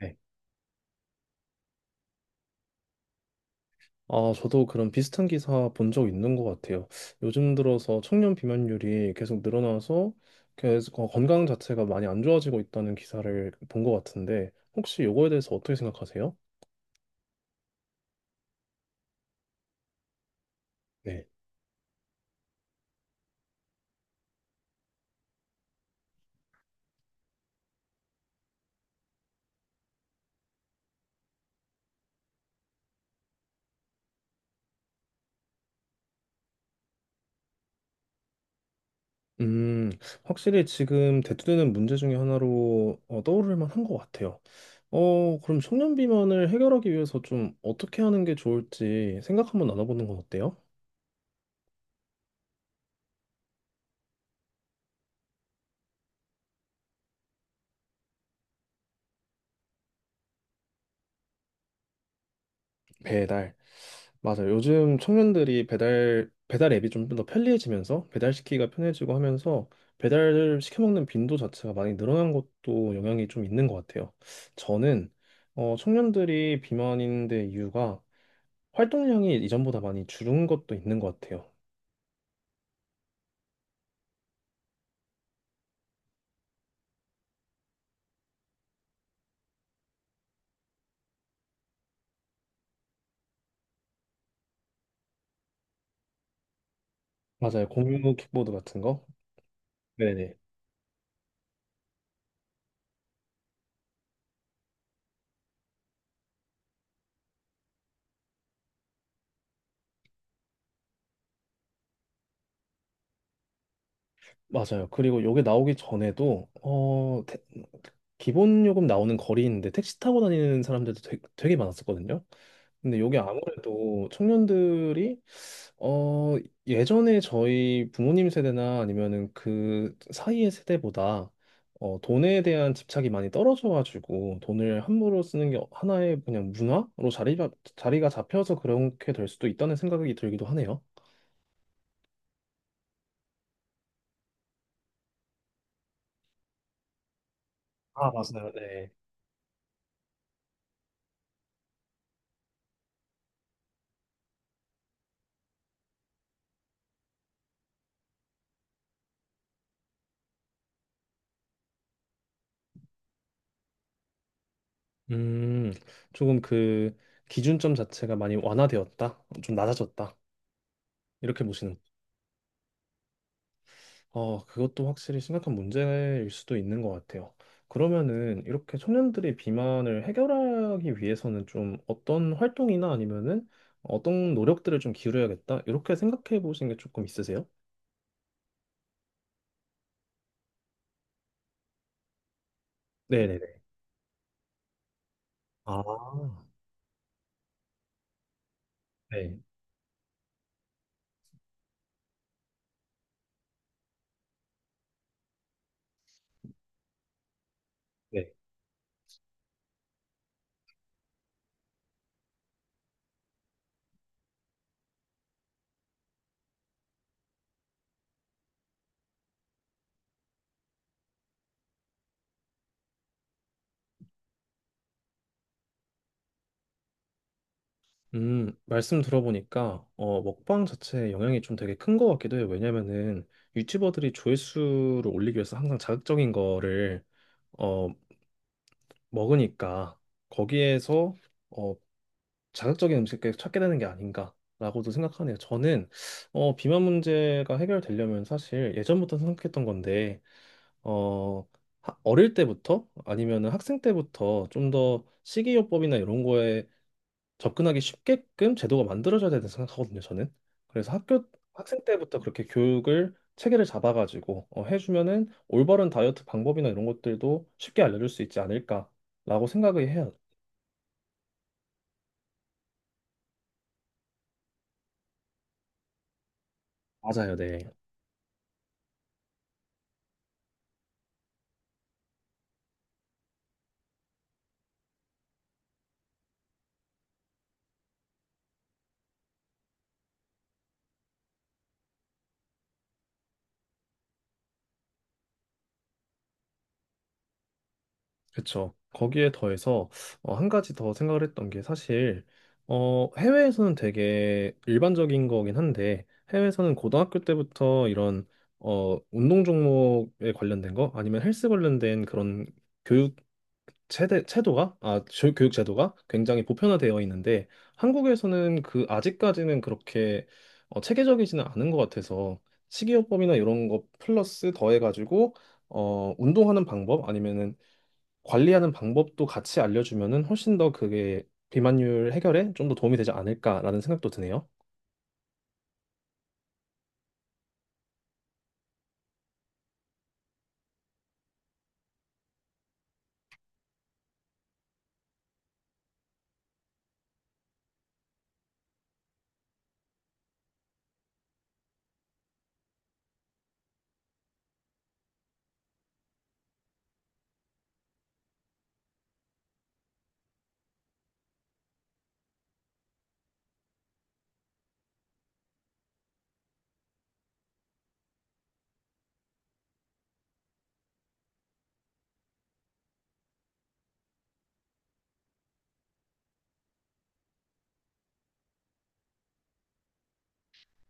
네. 아, 저도 그런 비슷한 기사 본 적 있는 것 같아요. 요즘 들어서 청년 비만율이 계속 늘어나서 계속 건강 자체가 많이 안 좋아지고 있다는 기사를 본 것 같은데, 혹시 이거에 대해서 어떻게 생각하세요? 네. 음, 확실히 지금 대두되는 문제 중에 하나로 떠오를 만한 것 같아요. 그럼 청년 비만을 해결하기 위해서 좀 어떻게 하는 게 좋을지 생각 한번 나눠보는 건 어때요? 배달. 맞아요. 요즘 청년들이 배달 앱이 좀 더 편리해지면서 배달시키기가 편해지고 하면서 배달 시켜 먹는 빈도 자체가 많이 늘어난 것도 영향이 좀 있는 것 같아요. 저는 청년들이 비만인 데 이유가 활동량이 이전보다 많이 줄은 것도 있는 것 같아요. 맞아요. 공유 킥보드 같은 거. 네네. 맞아요. 그리고 요게 나오기 전에도 기본 요금 나오는 거리인데 택시 타고 다니는 사람들도 되게 많았었거든요. 근데 이게 아무래도 청년들이 어, 예전에 저희 부모님 세대나 아니면은 그 사이의 세대보다 돈에 대한 집착이 많이 떨어져가지고 돈을 함부로 쓰는 게 하나의 그냥 문화로 자리가 잡혀서 그렇게 될 수도 있다는 생각이 들기도 하네요. 아, 맞아요. 네. 음, 조금 그 기준점 자체가 많이 완화되었다, 좀 낮아졌다 이렇게 보시는. 그것도 확실히 심각한 문제일 수도 있는 것 같아요. 그러면은 이렇게 청년들의 비만을 해결하기 위해서는 좀 어떤 활동이나 아니면은 어떤 노력들을 좀 기울여야겠다 이렇게 생각해 보신 게 조금 있으세요? 네네네. 아, 네, 네. 말씀 들어보니까, 먹방 자체에 영향이 좀 되게 큰 것 같기도 해요. 왜냐면은 유튜버들이 조회수를 올리기 위해서 항상 자극적인 거를, 어, 먹으니까, 거기에서, 어, 자극적인 음식을 찾게 되는 게 아닌가라고도 생각하네요. 저는 비만 문제가 해결되려면 사실 예전부터 생각했던 건데 어, 어릴 때부터 아니면 학생 때부터 좀 더 식이요법이나 이런 거에 접근하기 쉽게끔 제도가 만들어져야 된다고 생각하거든요. 저는 그래서 학교 학생 때부터 그렇게 교육을 체계를 잡아가지고 해주면은 올바른 다이어트 방법이나 이런 것들도 쉽게 알려줄 수 있지 않을까라고 생각을 해요. 맞아요, 네. 그쵸. 거기에 더해서 한 가지 더 생각을 했던 게 사실 해외에서는 되게 일반적인 거긴 한데 해외에서는 고등학교 때부터 이런 운동 종목에 관련된 거 아니면 헬스 관련된 그런 교육 체대, 체도가 아, 조- 교육 제도가 굉장히 보편화되어 있는데 한국에서는 그 아직까지는 그렇게 체계적이지는 않은 것 같아서 식이요법이나 이런 거 플러스 더해가지고 운동하는 방법 아니면은 관리하는 방법도 같이 알려주면은 훨씬 더 그게 비만율 해결에 좀 더 도움이 되지 않을까라는 생각도 드네요.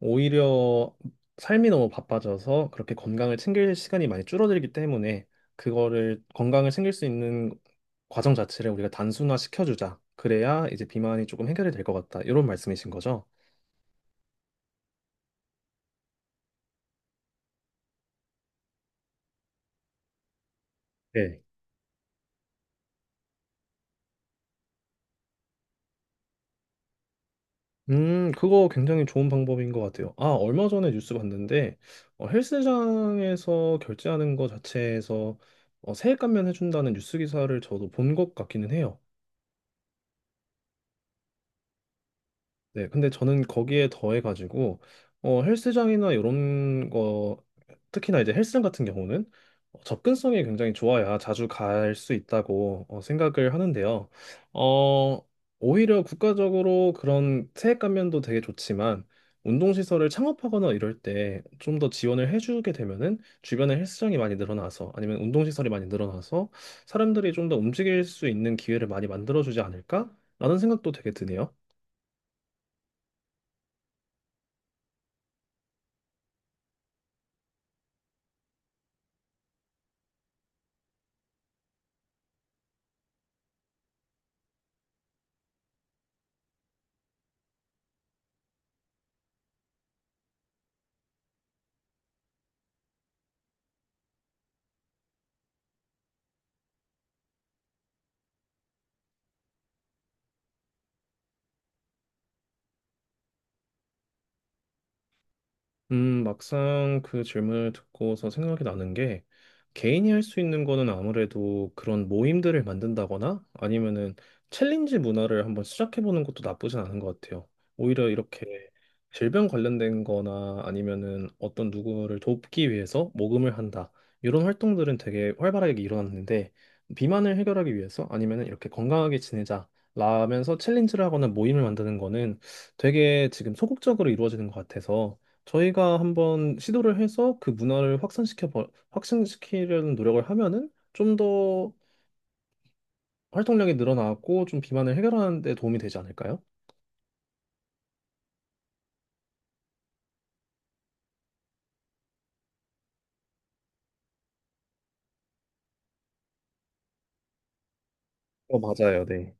오히려 삶이 너무 바빠져서 그렇게 건강을 챙길 시간이 많이 줄어들기 때문에 그거를 건강을 챙길 수 있는 과정 자체를 우리가 단순화 시켜주자. 그래야 이제 비만이 조금 해결이 될 것 같다. 이런 말씀이신 거죠? 네. 그거 굉장히 좋은 방법인 것 같아요. 아, 얼마 전에 뉴스 봤는데, 헬스장에서 결제하는 거 자체에서 세액 감면해준다는 뉴스 기사를 저도 본 것 같기는 해요. 네, 근데 저는 거기에 더해가지고, 헬스장이나 이런 거, 특히나 이제 헬스장 같은 경우는 접근성이 굉장히 좋아야 자주 갈 수 있다고 생각을 하는데요. 어, 오히려 국가적으로 그런 세액 감면도 되게 좋지만, 운동시설을 창업하거나 이럴 때 좀 더 지원을 해주게 되면은 주변에 헬스장이 많이 늘어나서 아니면 운동시설이 많이 늘어나서 사람들이 좀 더 움직일 수 있는 기회를 많이 만들어주지 않을까라는 생각도 되게 드네요. 막상 그 질문을 듣고서 생각이 나는 게 개인이 할 수 있는 거는 아무래도 그런 모임들을 만든다거나 아니면은 챌린지 문화를 한번 시작해 보는 것도 나쁘진 않은 것 같아요. 오히려 이렇게 질병 관련된 거나 아니면은 어떤 누구를 돕기 위해서 모금을 한다. 이런 활동들은 되게 활발하게 일어났는데 비만을 해결하기 위해서 아니면은 이렇게 건강하게 지내자. 라면서 챌린지를 하거나 모임을 만드는 거는 되게 지금 소극적으로 이루어지는 것 같아서 저희가 한번 시도를 해서 그 문화를 확산시키려는 노력을 하면은 좀 더 활동량이 늘어나고 좀 비만을 해결하는 데 도움이 되지 않을까요? 어, 맞아요. 네.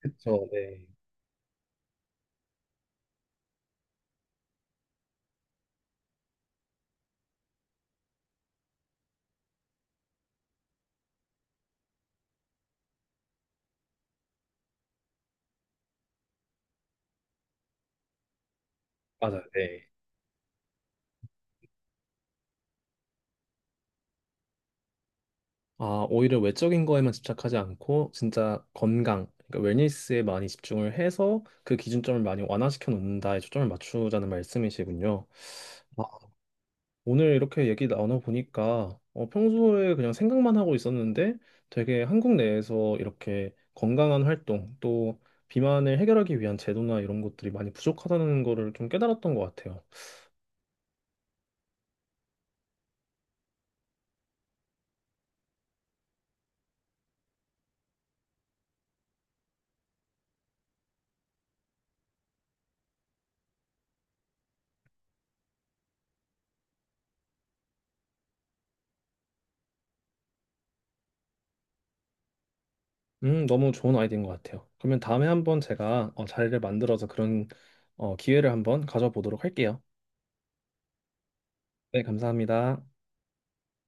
그쵸. 네. 맞아요. 네. 아, 오히려 외적인 거에만 집착하지 않고 진짜 건강, 그러니까 웰니스에 많이 집중을 해서 그 기준점을 많이 완화시켜 놓는다에 초점을 맞추자는 말씀이시군요. 오늘 이렇게 얘기 나눠보니까 평소에 그냥 생각만 하고 있었는데 되게 한국 내에서 이렇게 건강한 활동 또 비만을 해결하기 위한 제도나 이런 것들이 많이 부족하다는 거를 좀 깨달았던 것 같아요. 너무 좋은 아이디어인 것 같아요. 그러면 다음에 한번 제가 자리를 만들어서 그런 기회를 한번 가져보도록 할게요. 네, 감사합니다.